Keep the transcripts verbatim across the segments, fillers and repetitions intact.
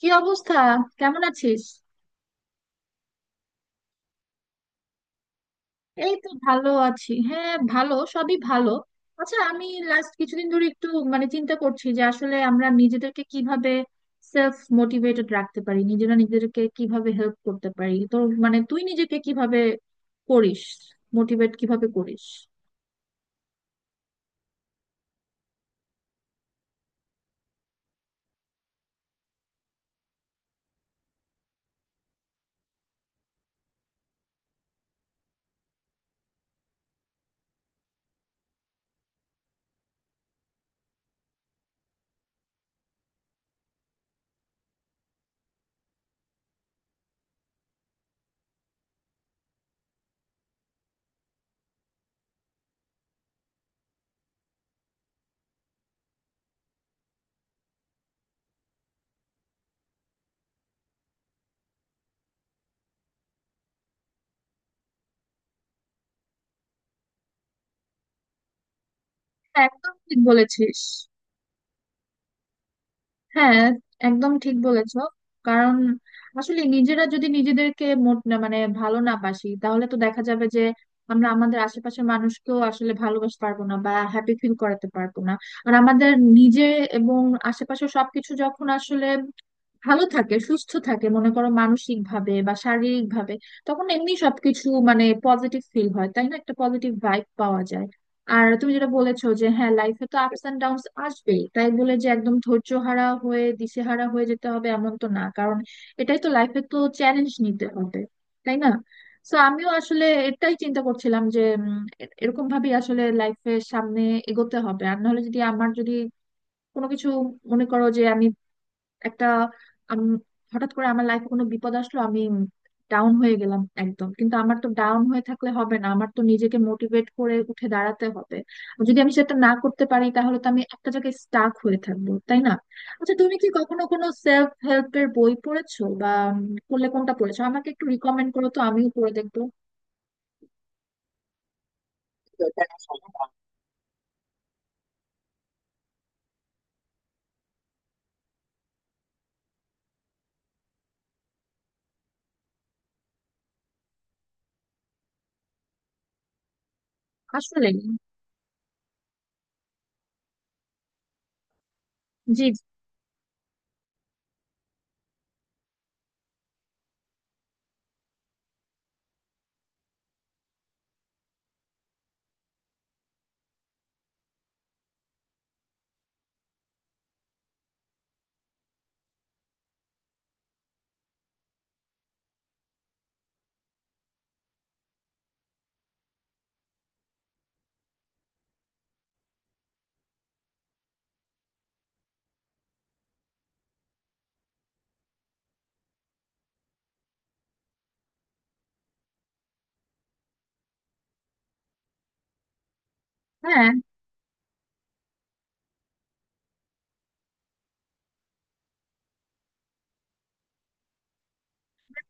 কি অবস্থা? কেমন আছিস? এই তো ভালো আছি, হ্যাঁ ভালো, সবই ভালো। আচ্ছা আমি লাস্ট কিছুদিন ধরে একটু মানে চিন্তা করছি যে আসলে আমরা নিজেদেরকে কিভাবে সেলফ মোটিভেটেড রাখতে পারি, নিজেরা নিজেদেরকে কিভাবে হেল্প করতে পারি। তো মানে তুই নিজেকে কিভাবে করিস, মোটিভেট কিভাবে করিস? হ্যাঁ, একদম ঠিক বলেছিস। হ্যাঁ, একদম ঠিক বলেছো। কারণ আসলে নিজেরা যদি নিজেদেরকে মোট না মানে ভালো না বাসি তাহলে তো দেখা যাবে যে আমরা আমাদের আশেপাশের মানুষকেও আসলে ভালোবাসতে পারবো না বা হ্যাপি ফিল করাতে পারবো না। আর আমাদের নিজে এবং আশেপাশে সবকিছু যখন আসলে ভালো থাকে, সুস্থ থাকে, মনে করো মানসিক ভাবে বা শারীরিক ভাবে, তখন এমনি সবকিছু মানে পজিটিভ ফিল হয়, তাই না? একটা পজিটিভ ভাইব পাওয়া যায়। আর তুমি যেটা বলেছো যে হ্যাঁ লাইফে তো আপস এন্ড ডাউনস আসবেই, তাই বলে যে একদম ধৈর্যহারা হয়ে দিশেহারা হয়ে যেতে হবে এমন তো না, কারণ এটাই তো লাইফে, তো চ্যালেঞ্জ নিতে হবে, তাই না? তো আমিও আসলে এটাই চিন্তা করছিলাম যে উম, এ- এরকম ভাবেই আসলে লাইফের সামনে এগোতে হবে। আর নাহলে যদি আমার যদি কোনো কিছু, মনে করো যে আমি একটা উম, হঠাৎ করে আমার লাইফে কোনো বিপদ আসলো, আমি ডাউন হয়ে গেলাম একদম, কিন্তু আমার তো ডাউন হয়ে থাকলে হবে না, আমার তো নিজেকে মোটিভেট করে উঠে দাঁড়াতে হবে। যদি আমি সেটা না করতে পারি তাহলে তো আমি একটা জায়গায় স্টাক হয়ে থাকবো, তাই না? আচ্ছা তুমি কি কখনো কোনো সেলফ হেল্পের বই পড়েছো? বা উম, পড়লে কোনটা পড়েছো আমাকে একটু রিকমেন্ড করো, তো আমিও পড়ে দেখবো। আসলে জি জি। হ্যাঁ,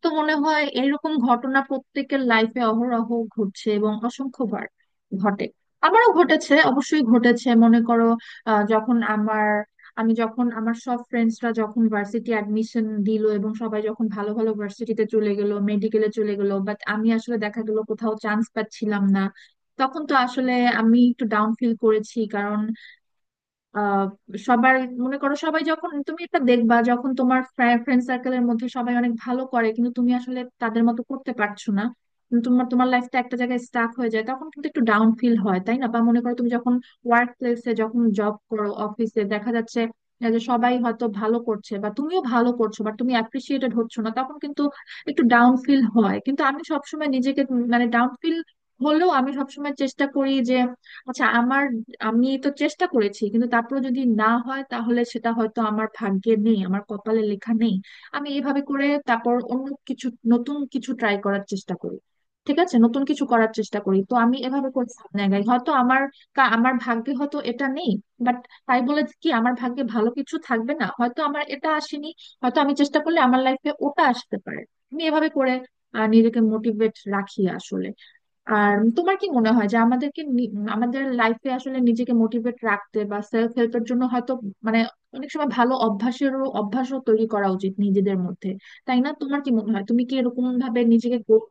তো মনে হয় এরকম ঘটনা প্রত্যেকের লাইফে অহরহ ঘটছে এবং অসংখ্যবার ঘটে। আমারও ঘটেছে, অবশ্যই ঘটেছে। মনে করো আহ, যখন আমার, আমি যখন আমার সব ফ্রেন্ডসরা যখন ভার্সিটি অ্যাডমিশন দিল এবং সবাই যখন ভালো ভালো ভার্সিটিতে চলে গেল, মেডিকেলে চলে গেল, বাট আমি আসলে দেখা গেল কোথাও চান্স পাচ্ছিলাম না। তখন তো আসলে আমি একটু ডাউন ফিল করেছি, কারণ আহ সবার, মনে করো সবাই যখন, তুমি এটা দেখবা, যখন তোমার ফ্রেন্ড সার্কেলের মধ্যে সবাই অনেক ভালো করে কিন্তু তুমি আসলে তাদের মতো করতে পারছো না, কিন্তু তোমার তোমার লাইফটা একটা জায়গায় স্টাক হয়ে যায়, তখন কিন্তু একটু ডাউন ফিল হয়, তাই না? বা মনে করো তুমি যখন ওয়ার্ক প্লেসে যখন জব করো, অফিসে দেখা যাচ্ছে যে সবাই হয়তো ভালো করছে বা তুমিও ভালো করছো বা তুমি অ্যাপ্রিসিয়েটেড হচ্ছ না, তখন কিন্তু একটু ডাউন ফিল হয়। কিন্তু আমি সবসময় নিজেকে, উম, মানে ডাউন ফিল হলেও আমি সবসময় চেষ্টা করি যে আচ্ছা আমার, আমি তো চেষ্টা করেছি, কিন্তু তারপরে যদি না হয় তাহলে সেটা হয়তো আমার ভাগ্যে নেই, আমার কপালে লেখা নেই। আমি এইভাবে করে তারপর অন্য কিছু, নতুন কিছু ট্রাই করার চেষ্টা করি। ঠিক আছে, নতুন কিছু করার চেষ্টা করি, তো আমি এভাবে করে সামনে আগাই। হয়তো আমার কা- আমার ভাগ্যে হয়তো এটা নেই, বাট তাই বলে কি আমার ভাগ্যে ভালো কিছু থাকবে না? হয়তো আমার এটা আসেনি, হয়তো আমি চেষ্টা করলে আমার লাইফে ওটা আসতে পারে। আমি এভাবে করে আহ, নিজেকে মোটিভেট রাখি আসলে। আর তোমার কি মনে হয় যে আমাদেরকে নি- আমাদের লাইফে আসলে নিজেকে মোটিভেট রাখতে বা সেলফ হেল্পের জন্য হয়তো মানে অনেক সময় ভালো অভ্যাসেরও অভ্যাসও তৈরি করা উচিত নিজেদের মধ্যে, তাই না? তোমার কি মনে হয় তুমি কি এরকম ভাবে নিজেকে গড়ে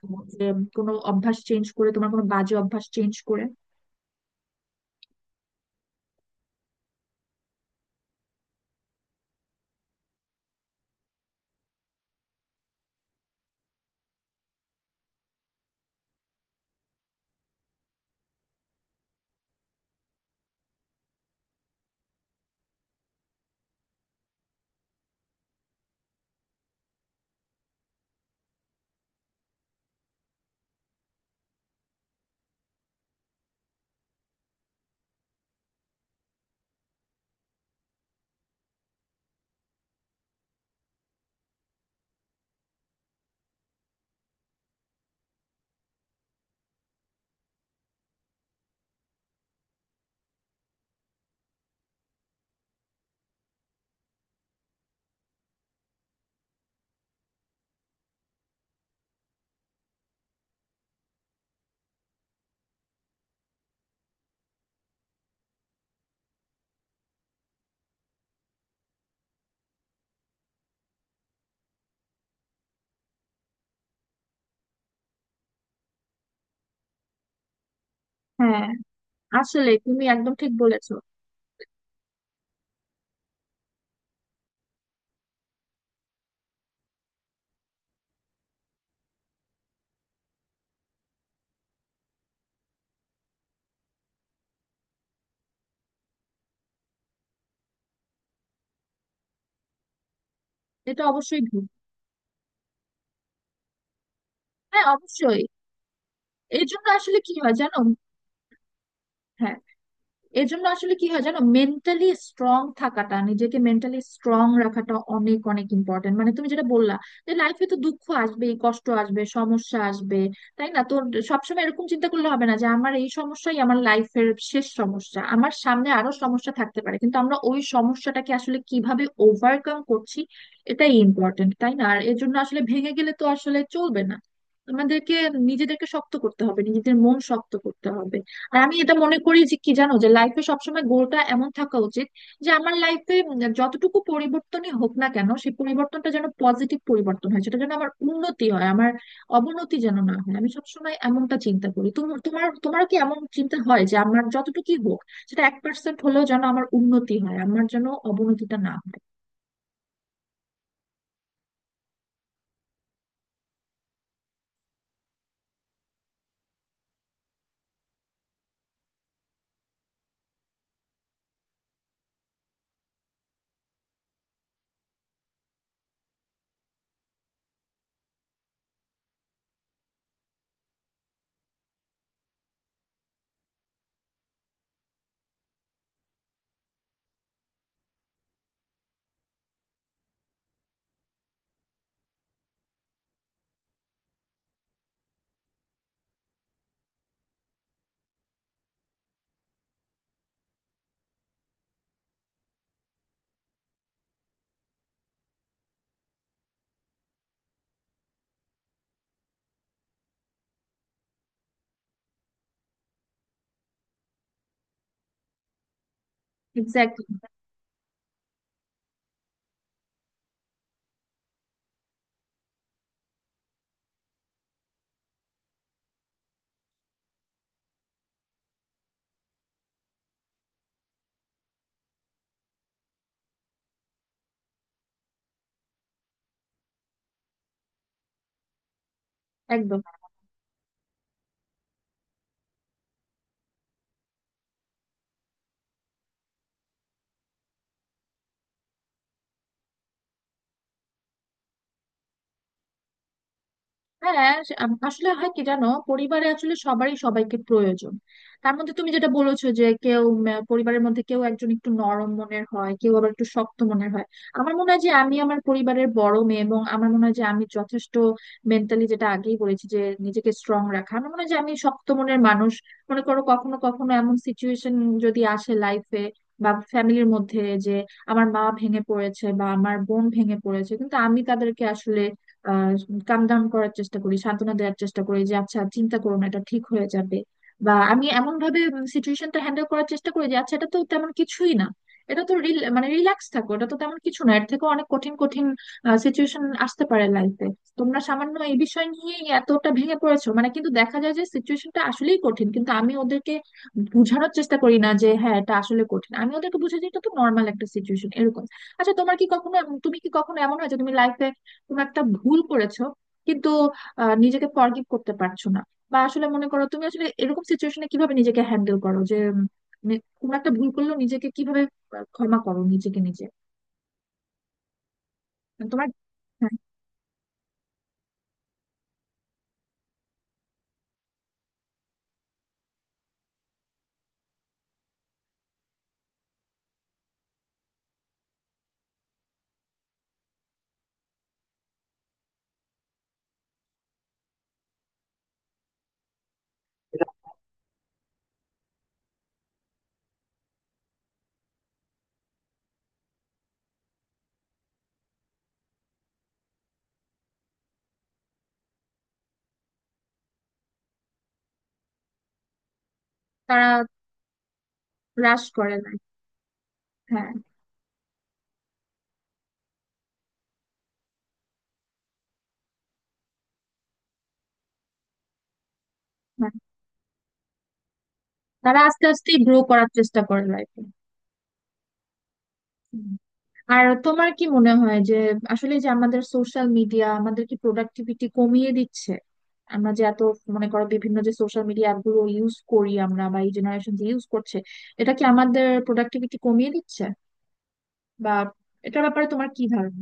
তোলো যে কোনো অভ্যাস চেঞ্জ করে, তোমার কোনো বাজে অভ্যাস চেঞ্জ করে? হ্যাঁ, আসলে তুমি একদম ঠিক বলেছো। এটা অবশ্যই ঠিক। হ্যাঁ, অবশ্যই। এই জন্য আসলে কি হয় জানো, হ্যাঁ, এর জন্য আসলে কি হয় জানো, মেন্টালি স্ট্রং থাকাটা, নিজেকে মেন্টালি স্ট্রং রাখাটা অনেক অনেক ইম্পর্টেন্ট। মানে তুমি যেটা বললা যে লাইফে তো দুঃখ আসবেই, কষ্ট আসবে, সমস্যা আসবে, তাই না? তোর সবসময় এরকম চিন্তা করলে হবে না যে আমার এই সমস্যাই আমার লাইফের শেষ সমস্যা। আমার সামনে আরো সমস্যা থাকতে পারে, কিন্তু আমরা ওই সমস্যাটাকে আসলে কিভাবে ওভারকাম করছি, এটাই ইম্পর্টেন্ট, তাই না? আর এর জন্য আসলে ভেঙে গেলে তো আসলে চলবে না, আমাদেরকে নিজেদেরকে শক্ত করতে হবে, নিজেদের মন শক্ত করতে হবে। আর আমি এটা মনে করি যে কি জানো, যে লাইফে সবসময় গোলটা এমন থাকা উচিত যে আমার লাইফে যতটুকু পরিবর্তনই হোক না কেন, সেই পরিবর্তনটা যেন পজিটিভ পরিবর্তন হয়, সেটা যেন আমার উন্নতি হয়, আমার অবনতি যেন না হয়। আমি সবসময় এমনটা চিন্তা করি। তোমার তোমার তোমারও কি এমন চিন্তা হয় যে আমার যতটুকুই হোক, সেটা এক পার্সেন্ট হলেও যেন আমার উন্নতি হয়, আমার যেন অবনতিটা না হয়? এক্স্যাক্টলি। একদম। হ্যাঁ সে- আম- আসলে হয় কি জানো, পরিবারে আসলে সবারই সবাইকে প্রয়োজন। তার মধ্যে তুমি যেটা বলেছো যে কেউ উম, আহ, পরিবারের মধ্যে কেউ একজন একটু নরম মনের হয়, কেউ আবার একটু শক্ত মনের হয়। আমার মনে হয় যে আমি আমার পরিবারের বড় মেয়ে, এবং আমার মনে হয় যে আমি যথেষ্ট মেন্টালি, যেটা আগেই বলেছি যে নিজেকে স্ট্রং রাখা, আমার মনে হয় যে আমি শক্ত মনের মানুষ। মনে করো কখনো কখনো এমন সিচুয়েশন যদি আসে লাইফে বা ফ্যামিলির মধ্যে যে আমার মা ভেঙে পড়েছে বা আমার বোন ভেঙে পড়েছে, কিন্তু আমি তাদেরকে আসলে কাম ডাউন করার চেষ্টা করি, সান্ত্বনা দেওয়ার চেষ্টা করি যে আচ্ছা চিন্তা করো না, এটা ঠিক হয়ে যাবে। বা আমি এমন ভাবে সিচুয়েশনটা হ্যান্ডেল করার চেষ্টা করি যে আচ্ছা এটা তো তেমন কিছুই না, এটা তো রিল মানে রিল্যাক্স থাকো, এটা তো তেমন কিছু না, এর থেকে অনেক কঠিন কঠিন সিচুয়েশন আসতে পারে লাইফে, তোমরা সামান্য এই বিষয় নিয়ে এতটা ভেঙে পড়েছো। মানে কিন্তু দেখা যায় যে সিচুয়েশনটা আসলেই কঠিন, কিন্তু আমি ওদেরকে বুঝানোর চেষ্টা করি না যে হ্যাঁ এটা আসলে কঠিন, আমি ওদেরকে বুঝাই যে এটা তো নর্মাল একটা সিচুয়েশন, এরকম। আচ্ছা তোমার কি কখনো, তুমি কি কখনো এমন হয় যে তুমি লাইফে কোনো একটা ভুল করেছো কিন্তু আহ, নিজেকে ফরগিভ করতে পারছো না? বা আসলে মনে করো তুমি আসলে এরকম সিচুয়েশনে কিভাবে নিজেকে হ্যান্ডেল করো যে উম, মানে কোনো একটা ভুল করলেও নিজেকে কিভাবে আহ, ক্ষমা করো, নিজেকে নিজে? মানে তোমার, হ্যাঁ, তারা রাশ করে লাইফ। হ্যাঁ। হ্যাঁ, তারা আস্তে আস্তে গ্রো করার চেষ্টা করে লাইফে। আর তোমার কি মনে হয় যে আসলে যে আমাদের সোশ্যাল মিডিয়া আমাদের কি প্রোডাক্টিভিটি কমিয়ে দিচ্ছে? আমরা যে এত মনে করো বিভিন্ন যে সোশ্যাল মিডিয়া অ্যাপগুলো ইউজ করি আমরা, বা এই জেনারেশন যে ইউজ করছে, এটা কি আমাদের প্রোডাক্টিভিটি কমিয়ে দিচ্ছে, বা এটার ব্যাপারে তোমার কি ধারণা?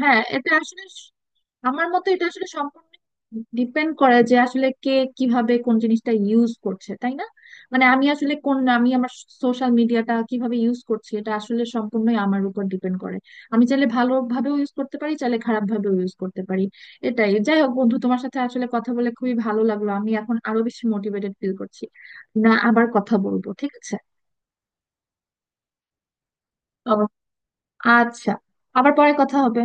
হ্যাঁ, এটা আসলে স- আমার মতে এটা আসলে সম্পূর্ণ ডিপেন্ড করে যে আসলে কে কিভাবে কোন জিনিসটা ইউজ করছে, তাই না? মানে আমি আসলে কোন আমি আমার সোশ্যাল মিডিয়াটা কিভাবে ইউজ করছি, এটা আসলে সম্পূর্ণই আমার উপর ডিপেন্ড করে। আমি চাইলে ভালোভাবেও ইউজ করতে পারি, চাইলে খারাপ ভাবেও ইউজ করতে পারি। এটাই। যাই হোক বন্ধু, তোমার সাথে আসলে কথা বলে খুবই ভালো লাগলো, আমি এখন আরো বেশি মোটিভেটেড ফিল করছি। না, আবার কথা বলবো, ঠিক আছে? ও, আচ্ছা, আবার পরে কথা হবে।